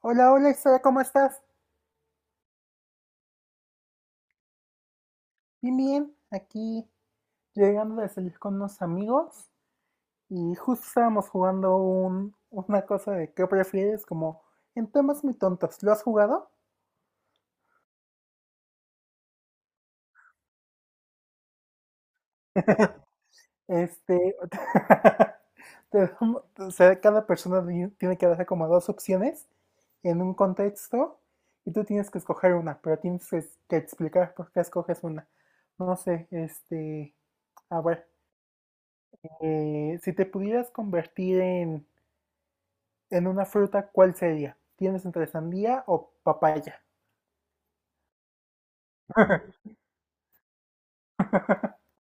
Hola, hola, Sara, ¿cómo estás? Bien, bien. Aquí llegando de salir con unos amigos y justo estábamos jugando una cosa de qué prefieres, como en temas muy tontos. ¿Lo has jugado? Este, o sea, cada persona tiene que dar como dos opciones en un contexto y tú tienes que escoger una, pero tienes que explicar por qué escoges una. No sé, este, a ver, si te pudieras convertir en una fruta, ¿cuál sería? ¿Tienes entre sandía o papaya?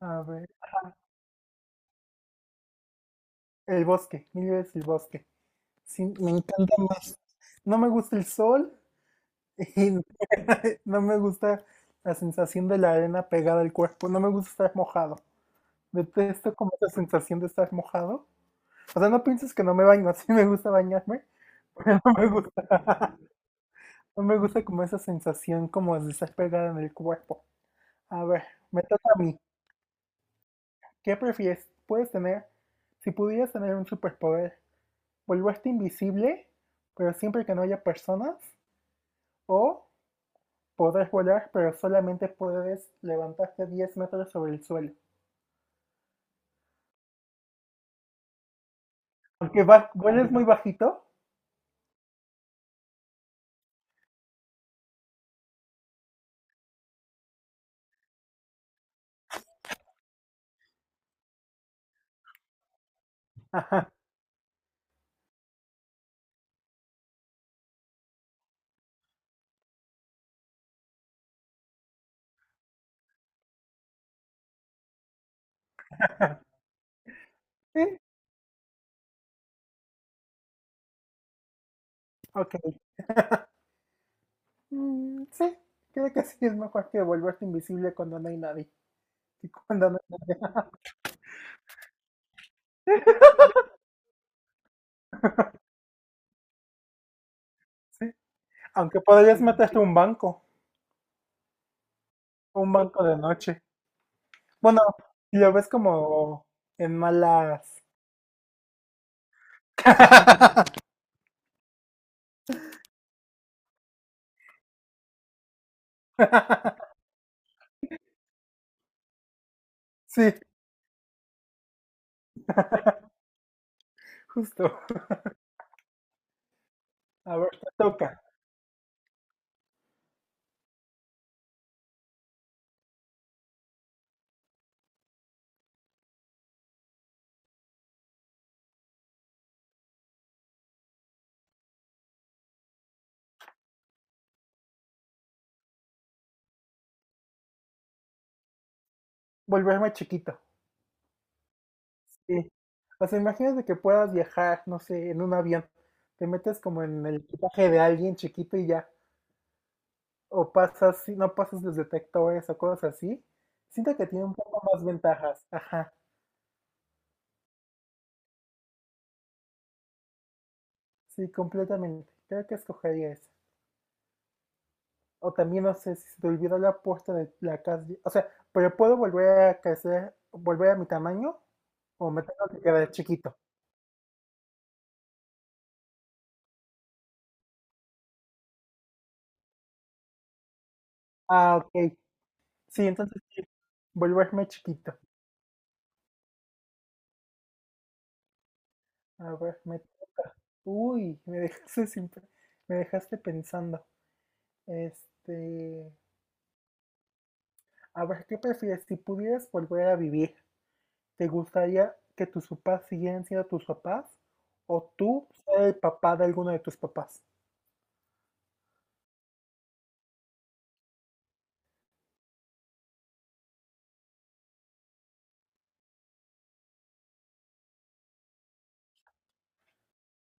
A ver. El bosque, mil veces el bosque. Sí, me encanta más. No me gusta el sol y no me gusta la sensación de la arena pegada al cuerpo. No me gusta estar mojado. Detesto como esa sensación de estar mojado. O sea, no pienses que no me baño. Sí me gusta bañarme, pero no me gusta. No me gusta como esa sensación como de estar pegada en el cuerpo. A ver, me toca a mí. ¿Qué prefieres? Puedes tener, si pudieras tener un superpoder, volverte invisible, pero siempre que no haya personas, o podrás volar, pero solamente puedes levantarte 10 metros sobre el suelo. Aunque va, vueles muy bajito. Ajá. Sí, ok. Mm, sí, creo que sí es mejor que volverte invisible cuando no hay nadie. Y cuando no hay nadie. Sí, aunque podrías meterte a un banco de noche. Bueno, lo ves como en malas. Sí, justo. A ver, te toca. Volverme chiquito. Sí. O sea, imagínate que puedas viajar, no sé, en un avión. Te metes como en el equipaje de alguien chiquito y ya. O pasas, si no pasas los detectores o cosas así. Siento que tiene un poco más ventajas. Ajá. Sí, completamente. Creo que escogería eso. O también no sé si se te olvidó la puerta de la casa. O sea, pero puedo volver a crecer, volver a mi tamaño o me tengo que quedar chiquito. Ah, ok. Sí, entonces sí, volverme chiquito. A ver, me toca. Uy, me dejaste sin pe- me dejaste pensando. Este, a ver, ¿qué prefieres? Si pudieras volver a vivir, ¿te gustaría que tus papás siguieran siendo tus papás o tú ser el papá de alguno de tus papás?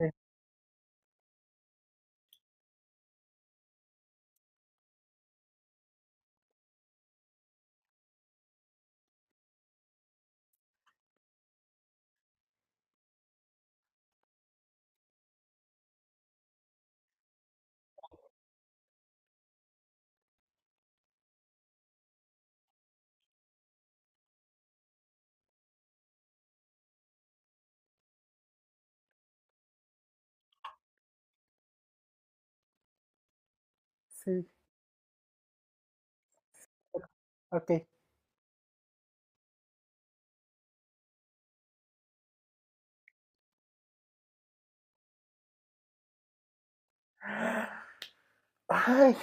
Eh, Sí, ok. Ay,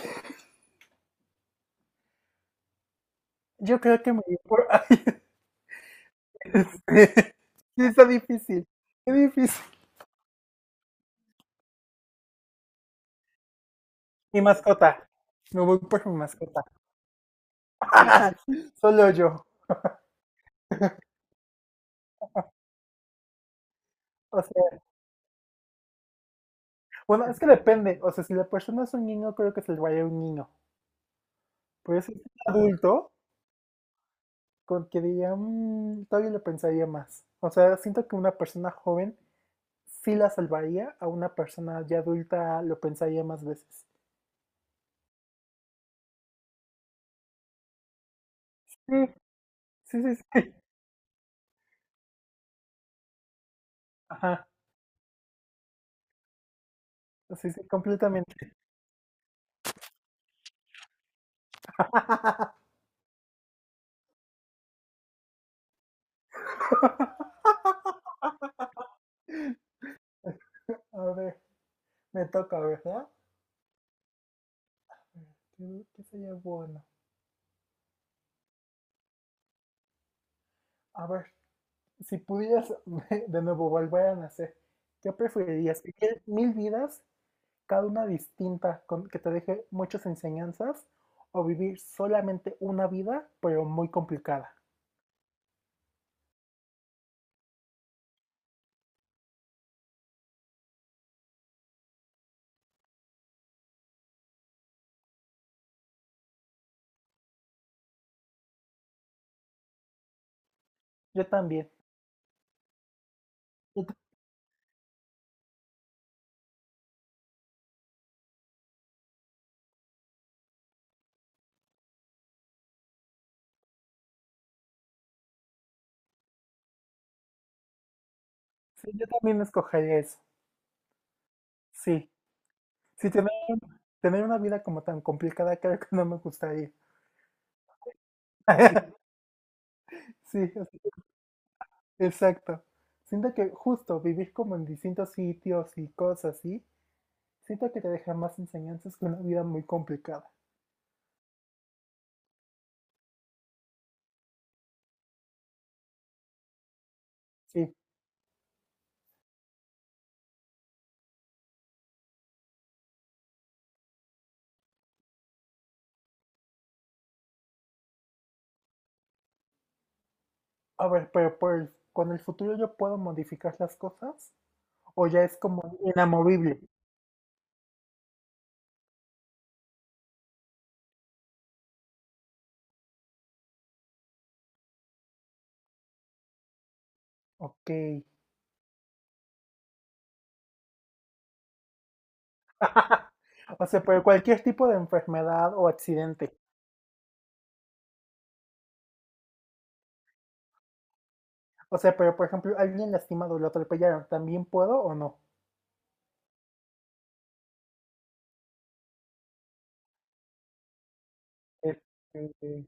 yo creo que me voy por... Ay, este, sí, está difícil. Qué difícil. Mi mascota. Me voy por mi mascota. Solo yo. O sea, bueno, es que depende. O sea, si la persona es un niño, creo que se le vaya un niño. Pero si es un adulto, con que diría, "Mm, todavía lo pensaría más. O sea, siento que una persona joven sí la salvaría, a una persona ya adulta lo pensaría más veces. Sí, sí, sí, sí. Ajá, sí, sí, completamente. A ver, me toca, ¿verdad? ¿Qué, qué sería bueno? A ver, si pudieras de nuevo volver a nacer, ¿qué preferirías? ¿Vivir mil vidas, cada una distinta, con, que te deje muchas enseñanzas? ¿O vivir solamente una vida, pero muy complicada? Yo también. Yo, t- sí, yo también escogería eso. Sí. Sí, tener una vida como tan complicada creo que no me gustaría. Sí, exacto. Siento que justo vivir como en distintos sitios y cosas así, siento que te deja más enseñanzas que una vida muy complicada. Sí. A ver, con el futuro yo puedo modificar las cosas o ya es como inamovible. Ok. O sea, pero cualquier tipo de enfermedad o accidente. O sea, pero por ejemplo, alguien lastimado, lo atropellaron, ¿también puedo o no? Este,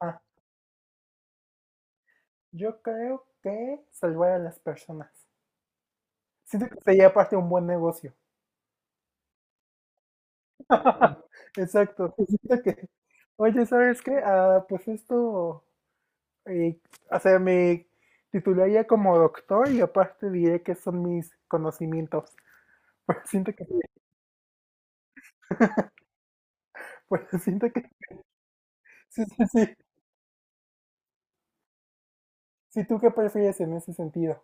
ah, yo creo que salvar a las personas. Siento que sería aparte un buen negocio. Exacto. Siento que, oye, ¿sabes qué? Ah, pues esto, eh, o sea, me titularía como doctor y aparte diré que son mis conocimientos. Pues siento que, pues siento que, sí, sí, sí. Si tú qué prefieres en ese sentido,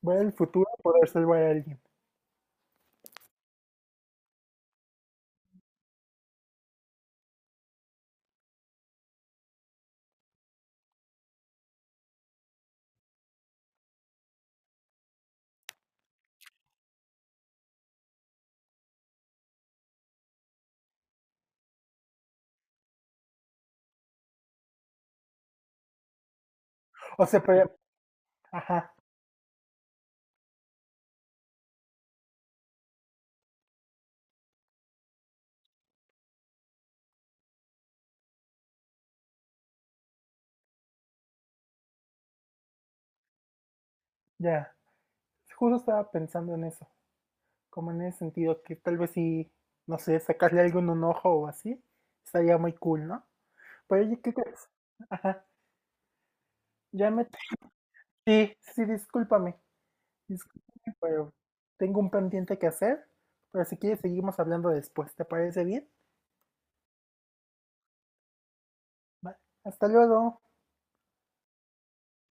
ver el futuro o poder salvar a alguien. O sea, pero, ajá, ya. Justo estaba pensando en eso, como en ese sentido, que tal vez si, no sé, sacarle algo en un ojo o así, estaría muy cool, ¿no? Pero oye, ¿qué crees? Ya me... Sí, sí, discúlpame. Discúlpame, pero tengo un pendiente que hacer. Pero si quieres, seguimos hablando después. ¿Te parece bien? Vale. Hasta luego.